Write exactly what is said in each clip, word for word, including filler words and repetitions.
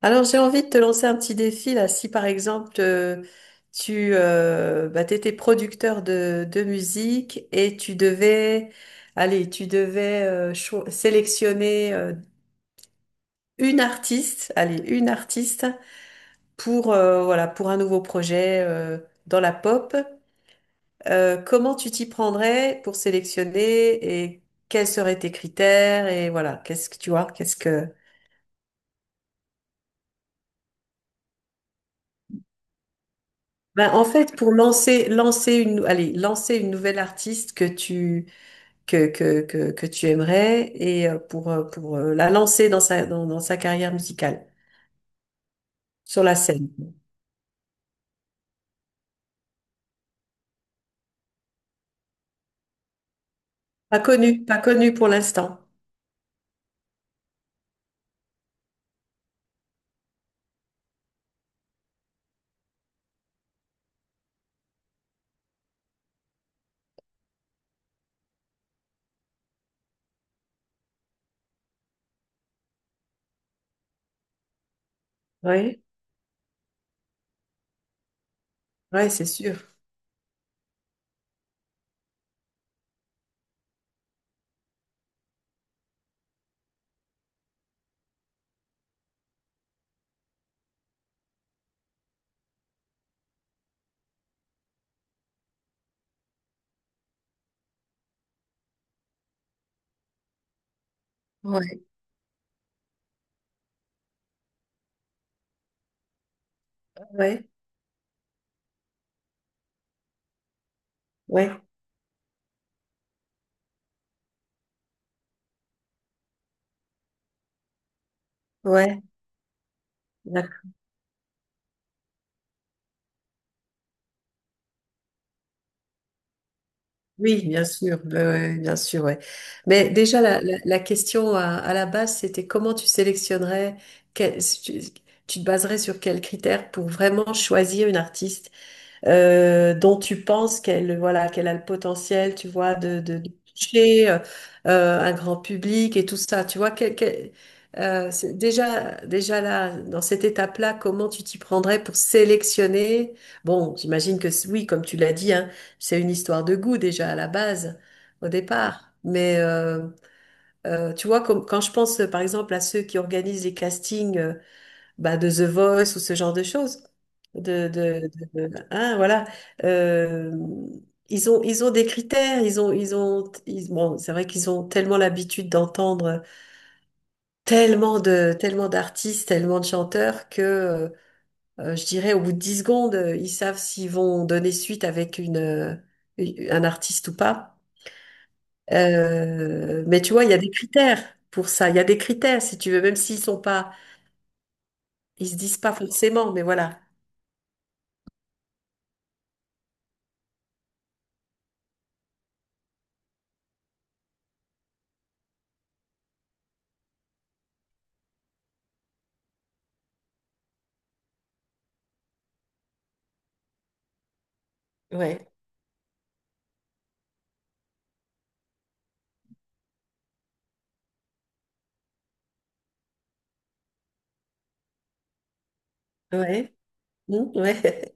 Alors, j'ai envie de te lancer un petit défi là. Si par exemple, euh, tu euh, bah, étais producteur de, de musique et tu devais, allez, tu devais euh, cho- sélectionner euh, une artiste, allez, une artiste pour, euh, voilà, pour un nouveau projet euh, dans la pop, euh, comment tu t'y prendrais pour sélectionner et quels seraient tes critères et voilà, qu'est-ce que tu vois, qu'est-ce que... Ben, en fait, pour lancer, lancer une, nou- allez, lancer une nouvelle artiste que tu, que, que, que, que tu aimerais et euh, pour, euh, pour euh, la lancer dans sa, dans, dans sa carrière musicale, sur la scène. Pas connue, pas connue pour l'instant. Oui, ouais, c'est sûr. Ouais. Ouais, ouais, ouais. D'ac- Oui, bien sûr, ouais, ouais, bien sûr, ouais. Mais déjà, la, la, la question à, à la base, c'était comment tu sélectionnerais, quel- si tu, tu te baserais sur quels critères pour vraiment choisir une artiste euh, dont tu penses qu'elle voilà, qu'elle a le potentiel, tu vois, de, de, de toucher euh, euh, un grand public et tout ça. Tu vois, quel- quel- euh, c'est déjà, déjà là, dans cette étape-là, comment tu t'y prendrais pour sélectionner? Bon, j'imagine que c- oui, comme tu l'as dit, hein, c'est une histoire de goût déjà à la base, au départ. Mais euh, euh, tu vois, comme, quand je pense euh, par exemple à ceux qui organisent les castings euh, bah, de The Voice ou ce genre de choses. De, de, de- de- hein, voilà. Euh, ils ont, ils ont des critères, ils ont, ils ont, ils- bon, c'est vrai qu'ils ont tellement l'habitude d'entendre tellement de, tellement d'artistes, tellement de chanteurs que, euh, euh, je dirais, au bout de dix secondes, euh, ils savent s'ils vont donner suite avec une, euh, une- un artiste ou pas. Euh, mais tu vois, il y a des critères pour ça. Il y a des critères, si tu veux, même s'ils sont pas, ils se disent pas forcément, mais voilà. Ouais, ouais. Hum, ouais.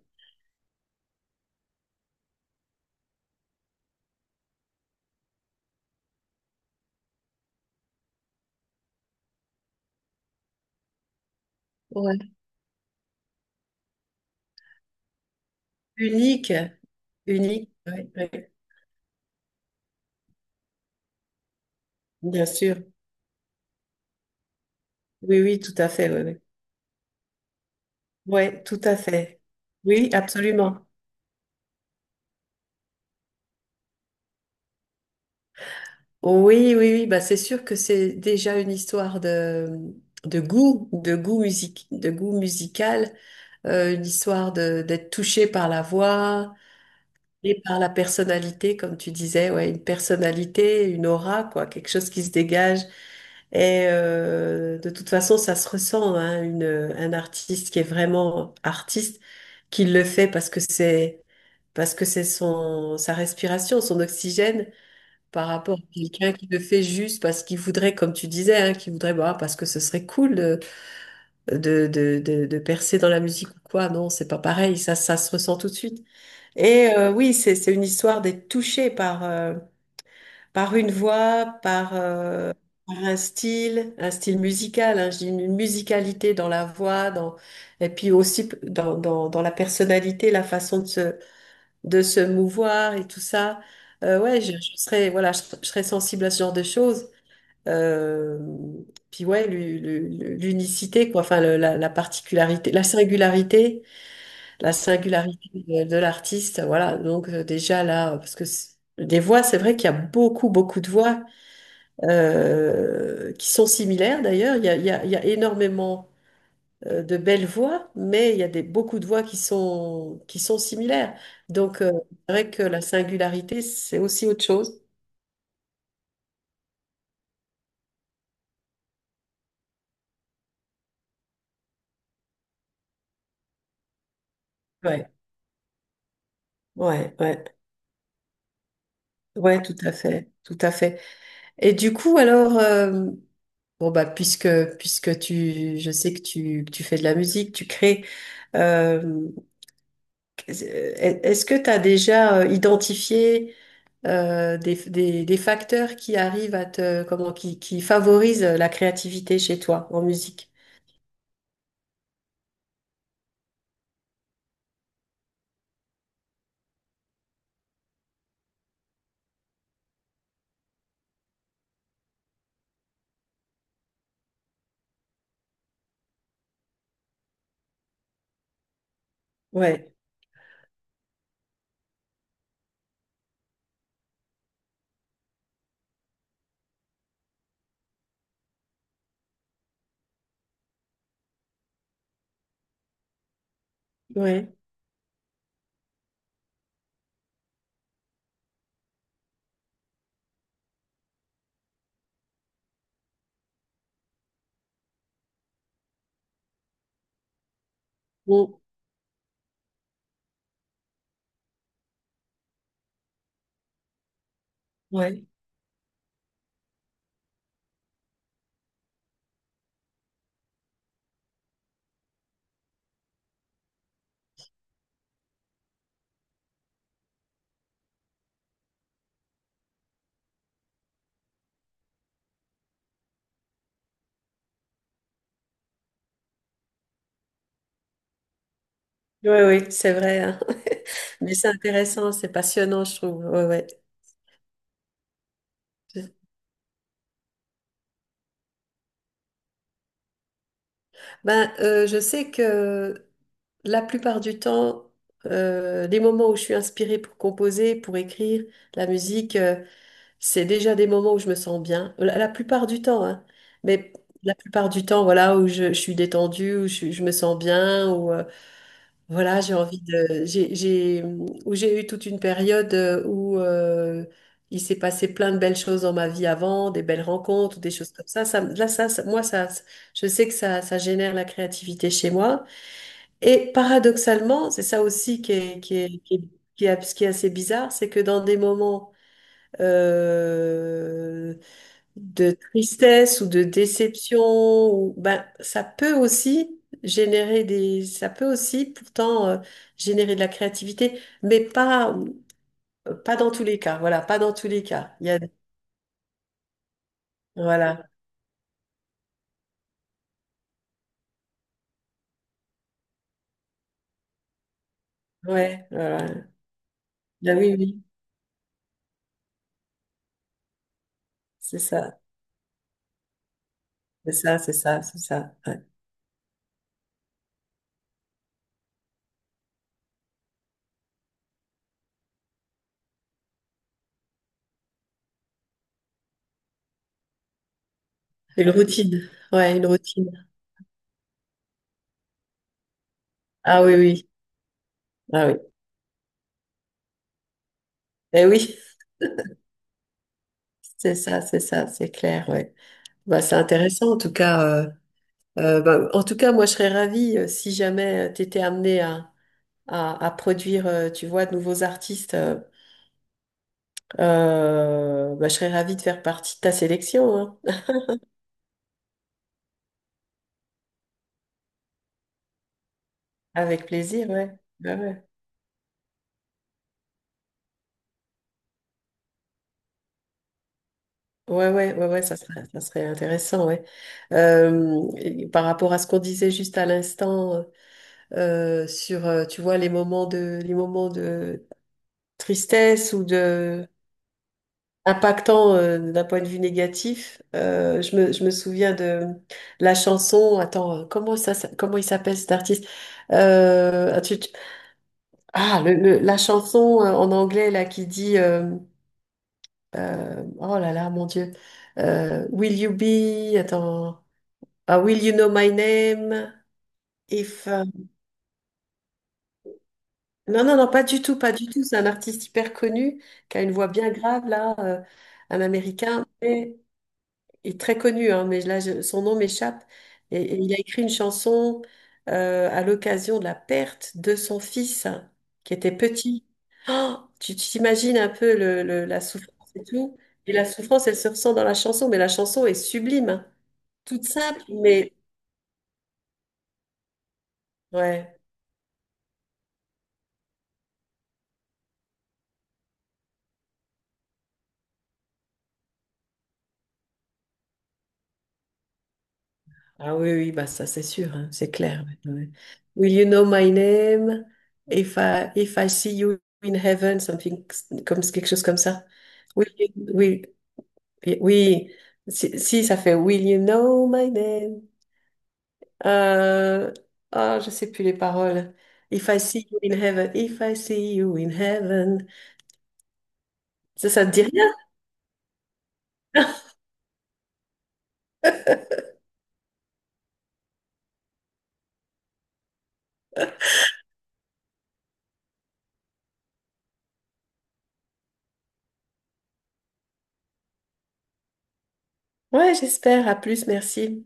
Unique, unique, ouais, ouais. Bien sûr. Oui, oui, tout à fait, ouais, ouais. Ouais, tout à fait. Oui, absolument. Oui, oui, oui, bah c'est sûr que c'est déjà une histoire de, de goût, de goût musique, de goût musical, euh, une histoire de d'être touché par la voix. Et par la personnalité, comme tu disais, ouais, une personnalité, une aura, quoi, quelque chose qui se dégage. Et euh, de toute façon, ça se ressent, hein, une, un artiste qui est vraiment artiste, qui le fait parce que c'est parce que c'est son sa respiration, son oxygène, par rapport à quelqu'un qui le fait juste parce qu'il voudrait, comme tu disais, hein, qui voudrait, bah, parce que ce serait cool de de, de, de, de percer dans la musique ou quoi. Non, c'est pas pareil. Ça, ça se ressent tout de suite. Et euh, oui, c'est c'est une histoire d'être touché par euh, par une voix, par euh, par un style, un style musical, hein, je dis une musicalité dans la voix, dans et puis aussi p- dans dans dans la personnalité, la façon de se de se mouvoir et tout ça. Euh, ouais, je, je serais voilà, je, je serais sensible à ce genre de choses. Euh, puis ouais, l'u- l'u- l'unicité quoi, enfin le- la, la particularité, la singularité la singularité de, de l'artiste, voilà. Donc euh, déjà là, parce que c- des voix, c'est vrai qu'il y a beaucoup, beaucoup de voix euh, qui sont similaires d'ailleurs. Il y a, il y a, il y a énormément euh, de belles voix, mais il y a des, beaucoup de voix qui sont, qui sont similaires. Donc euh, c'est vrai que la singularité, c'est aussi autre chose. Ouais, ouais, ouais, ouais, tout à fait, tout à fait. Et du coup, alors, euh, bon bah, puisque puisque tu, je sais que tu que tu fais de la musique, tu crées. Euh, est-ce que tu as déjà euh, identifié euh, des, des- des facteurs qui arrivent à te, comment, qui, qui favorisent la créativité chez toi en musique? Ouais, ouais, bon, ouais, ouais, ouais, c'est vrai, hein. Mais c'est intéressant, c'est passionnant, je trouve. Ouais, ouais. Ben, euh, je sais que la plupart du temps, euh, les moments où je suis inspirée pour composer, pour écrire la musique, euh, c'est déjà des moments où je me sens bien, la, la plupart du temps, hein. Mais la plupart du temps, voilà, où je, je suis détendue, où je, je me sens bien, où euh, voilà, j'ai envie de, j'ai, j'ai, où j'ai eu toute une période euh, où euh, il s'est passé plein de belles choses dans ma vie avant, des belles rencontres, des choses comme ça. Ça, là, ça, ça- moi, ça, je sais que ça, ça génère la créativité chez moi. Et paradoxalement, c'est ça aussi qui est, qui est, qui est, qui est, qui est assez bizarre, c'est que dans des moments euh, de tristesse ou de déception, ou, ben, ça peut aussi générer des, ça peut aussi pourtant euh, générer de la créativité, mais pas, pas dans tous les cas. Voilà, pas dans tous les cas. Il y a, voilà, ouais, voilà. Ben oui, oui, c'est ça, c'est ça, c'est ça, c'est ça, ouais. Une routine, ouais, une routine. Ah oui, oui, ah oui. Eh oui, c'est ça, c'est ça, c'est clair, ouais. Bah, c'est intéressant en tout cas, euh, euh, ben, en tout cas, moi, je serais ravie euh, si jamais tu étais amené à, à, à produire, euh, tu vois, de nouveaux artistes, euh, euh, ben, je serais ravie de faire partie de ta sélection, hein. Avec plaisir, ouais. Ouais, ouais, ouais, ouais, ouais, ouais, ça serait, ça serait intéressant, ouais. Euh, et par rapport à ce qu'on disait juste à l'instant euh, sur, euh, tu vois, les moments de, les moments de tristesse ou de impactant euh, d'un point de vue négatif. Euh, je me, je me souviens de la chanson. Attends, euh, comment ça, ça- comment il s'appelle cet artiste? Euh, ah, tu- tu- ah, le- le- la chanson euh, en anglais là qui dit euh, euh, oh là là, mon Dieu. Euh, Will you be? Attends. Ah, Will you know my name? If euh, non non non pas du tout pas du tout. C'est un artiste hyper connu qui a une voix bien grave là, euh, un Américain. Il est très connu, hein, mais là, je- son nom m'échappe. Et, et il a écrit une chanson euh, à l'occasion de la perte de son fils, hein, qui était petit. Oh, tu tu t'imagines un peu le, le- la souffrance et tout. Et la souffrance, elle se ressent dans la chanson, mais la chanson est sublime, hein. Toute simple, mais ouais. Ah oui, oui, bah ça c'est sûr, hein, c'est clair, ouais, ouais. Will you know my name? If I, if I see you in heaven, something, comme quelque chose comme ça. Oui, oui, et oui, si, si, ça fait Will you know my name? Euh, ah, je sais plus les paroles. If I see you in heaven, if I see you in heaven. Ça, ça te dit rien? Ouais, j'espère. À plus, merci.